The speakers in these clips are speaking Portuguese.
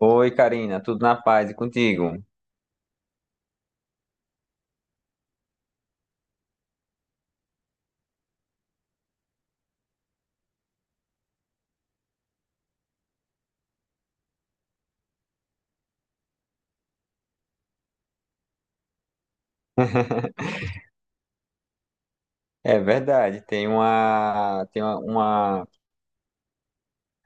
Oi, Karina, tudo na paz e contigo? É verdade,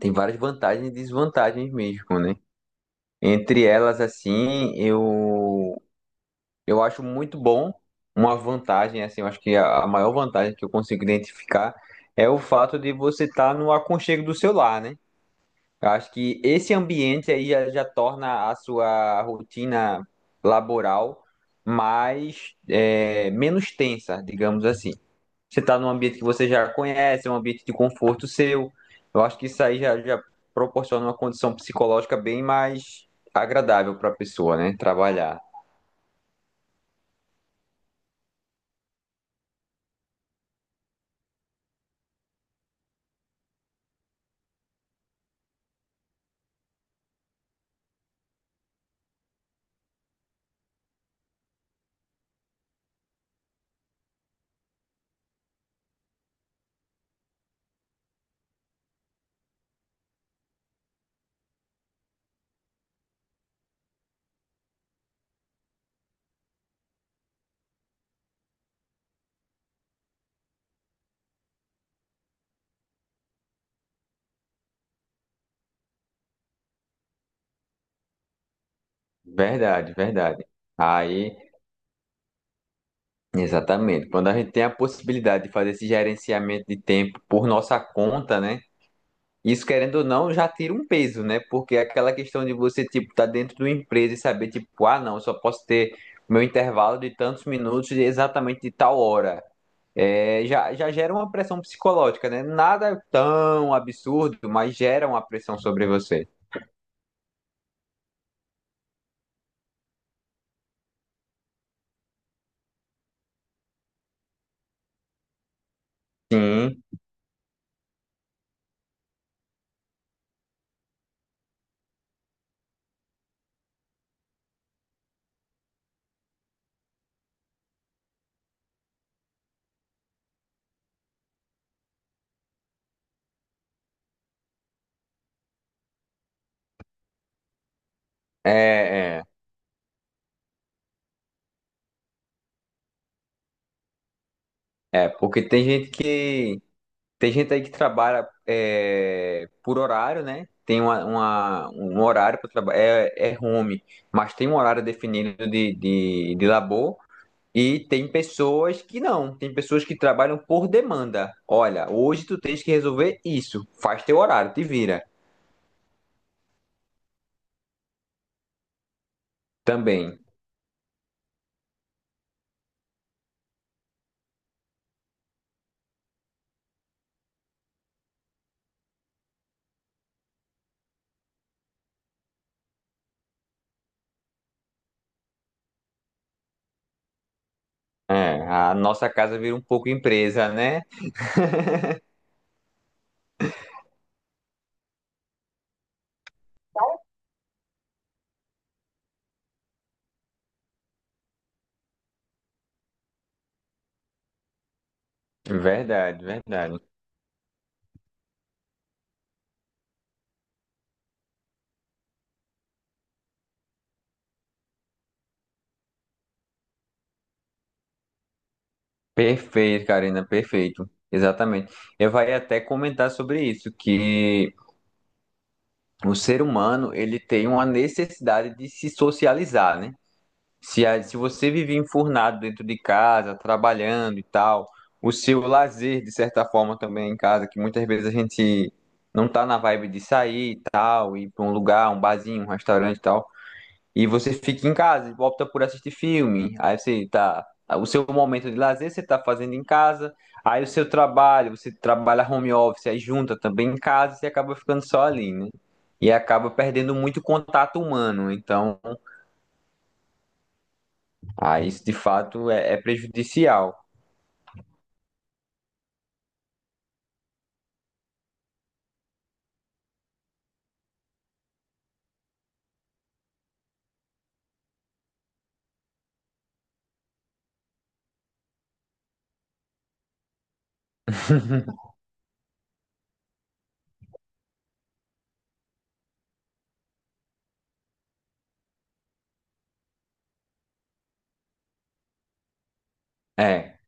tem várias vantagens e desvantagens mesmo, né? Entre elas, assim, eu acho muito bom uma vantagem, assim, eu acho que a maior vantagem que eu consigo identificar é o fato de você estar no aconchego do seu lar, né? Eu acho que esse ambiente aí já torna a sua rotina laboral mais, menos tensa, digamos assim. Você está num ambiente que você já conhece, é um ambiente de conforto seu. Eu acho que isso aí já proporciona uma condição psicológica bem mais agradável para a pessoa, né? Trabalhar. Verdade, verdade. Aí, exatamente. Quando a gente tem a possibilidade de fazer esse gerenciamento de tempo por nossa conta, né? Isso, querendo ou não, já tira um peso, né? Porque é aquela questão de você, tipo, tá dentro de uma empresa e saber, tipo, ah, não, eu só posso ter meu intervalo de tantos minutos de exatamente de tal hora. É, já gera uma pressão psicológica, né? Nada tão absurdo, mas gera uma pressão sobre você. Sim. É, é, é, porque tem gente aí que trabalha por horário, né? Tem um horário para trabalhar, é home, mas tem um horário definido de labor. E tem pessoas que não, tem pessoas que trabalham por demanda. Olha, hoje tu tens que resolver isso, faz teu horário, te vira também. É, a nossa casa vira um pouco empresa, né? Verdade, verdade. Perfeito, Karina, perfeito. Exatamente. Eu vai até comentar sobre isso, que o ser humano, ele tem uma necessidade de se socializar, né? Se você vive enfurnado dentro de casa, trabalhando e tal, o seu lazer, de certa forma, também é em casa, que muitas vezes a gente não tá na vibe de sair e tal, ir para um lugar, um barzinho, um restaurante e tal. E você fica em casa, e opta por assistir filme. Aí você tá. O seu momento de lazer você tá fazendo em casa. Aí o seu trabalho, você trabalha home office, aí junta também em casa, você acaba ficando só ali, né? E acaba perdendo muito contato humano. Então, ah, isso de fato é prejudicial. É.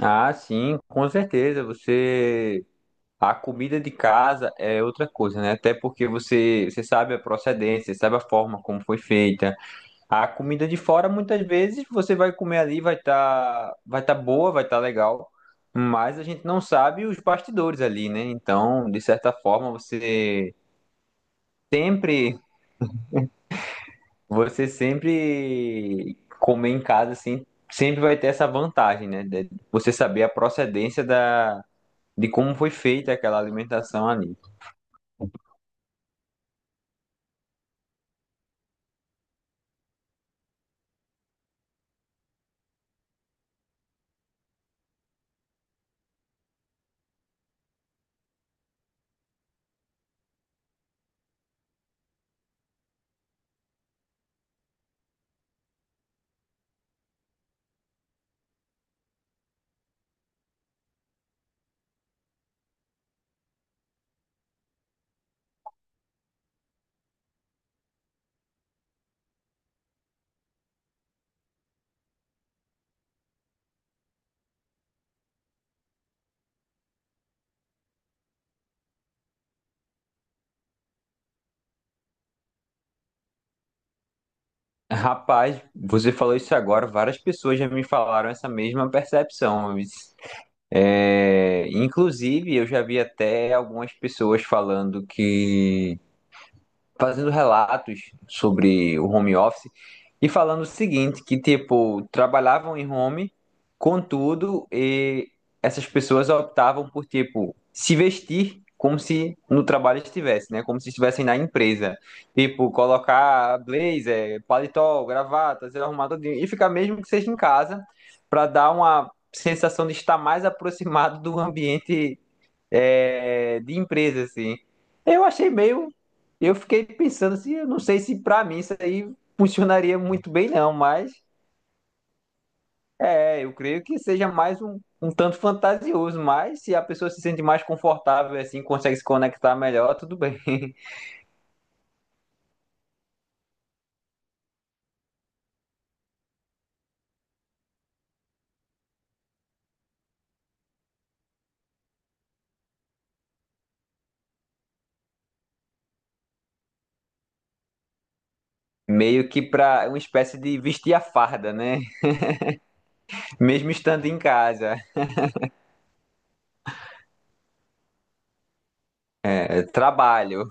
Ah, sim, com certeza. Você. A comida de casa é outra coisa, né? Até porque você, você sabe a procedência, você sabe a forma como foi feita. A comida de fora, muitas vezes, você vai comer ali, vai tá boa, vai estar legal, mas a gente não sabe os bastidores ali, né? Então, de certa forma, sempre, você sempre comer em casa, assim, sempre vai ter essa vantagem, né? De você saber a procedência de como foi feita aquela alimentação ali. Rapaz, você falou isso agora, várias pessoas já me falaram essa mesma percepção. É, inclusive, eu já vi até algumas pessoas falando que fazendo relatos sobre o home office e falando o seguinte, que tipo, trabalhavam em home, contudo, e essas pessoas optavam por tipo se vestir como se no trabalho estivesse, né? Como se estivessem na empresa. Tipo, colocar blazer, paletó, gravata, ser arrumado todinho, e ficar mesmo que seja em casa, para dar uma sensação de estar mais aproximado do ambiente de empresa, assim. Eu achei meio. Eu fiquei pensando assim, eu não sei se para mim isso aí funcionaria muito bem, não, mas eu creio que seja mais um tanto fantasioso, mas se a pessoa se sente mais confortável, assim, consegue se conectar melhor, tudo bem. Meio que para uma espécie de vestir a farda, né? Mesmo estando em casa. É, trabalho.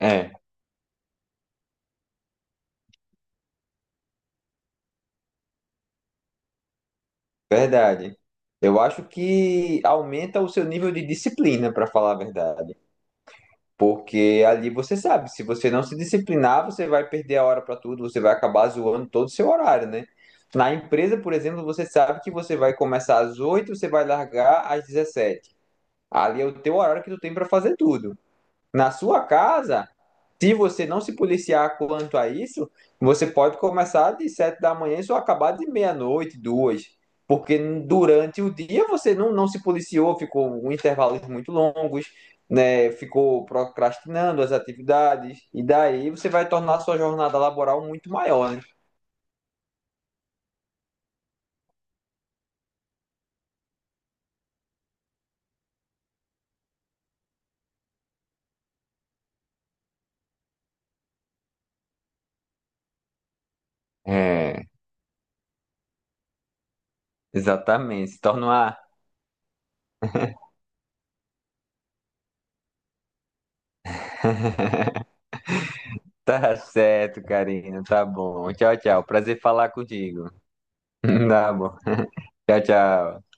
É, verdade. Eu acho que aumenta o seu nível de disciplina, para falar a verdade. Porque ali você sabe, se você não se disciplinar, você vai perder a hora para tudo, você vai acabar zoando todo o seu horário, né? Na empresa, por exemplo, você sabe que você vai começar às 8h, você vai largar às 17h. Ali é o teu horário que tu tem para fazer tudo. Na sua casa, se você não se policiar quanto a isso, você pode começar de 7h da manhã e só acabar de meia-noite, 2h. Porque durante o dia você não se policiou, ficou com intervalos muito longos, né? Ficou procrastinando as atividades, e daí você vai tornar a sua jornada laboral muito maior, né? É, exatamente. Se torna uma... Tá certo, Karina. Tá bom. Tchau, tchau. Prazer falar contigo. Tá bom. Tchau, tchau.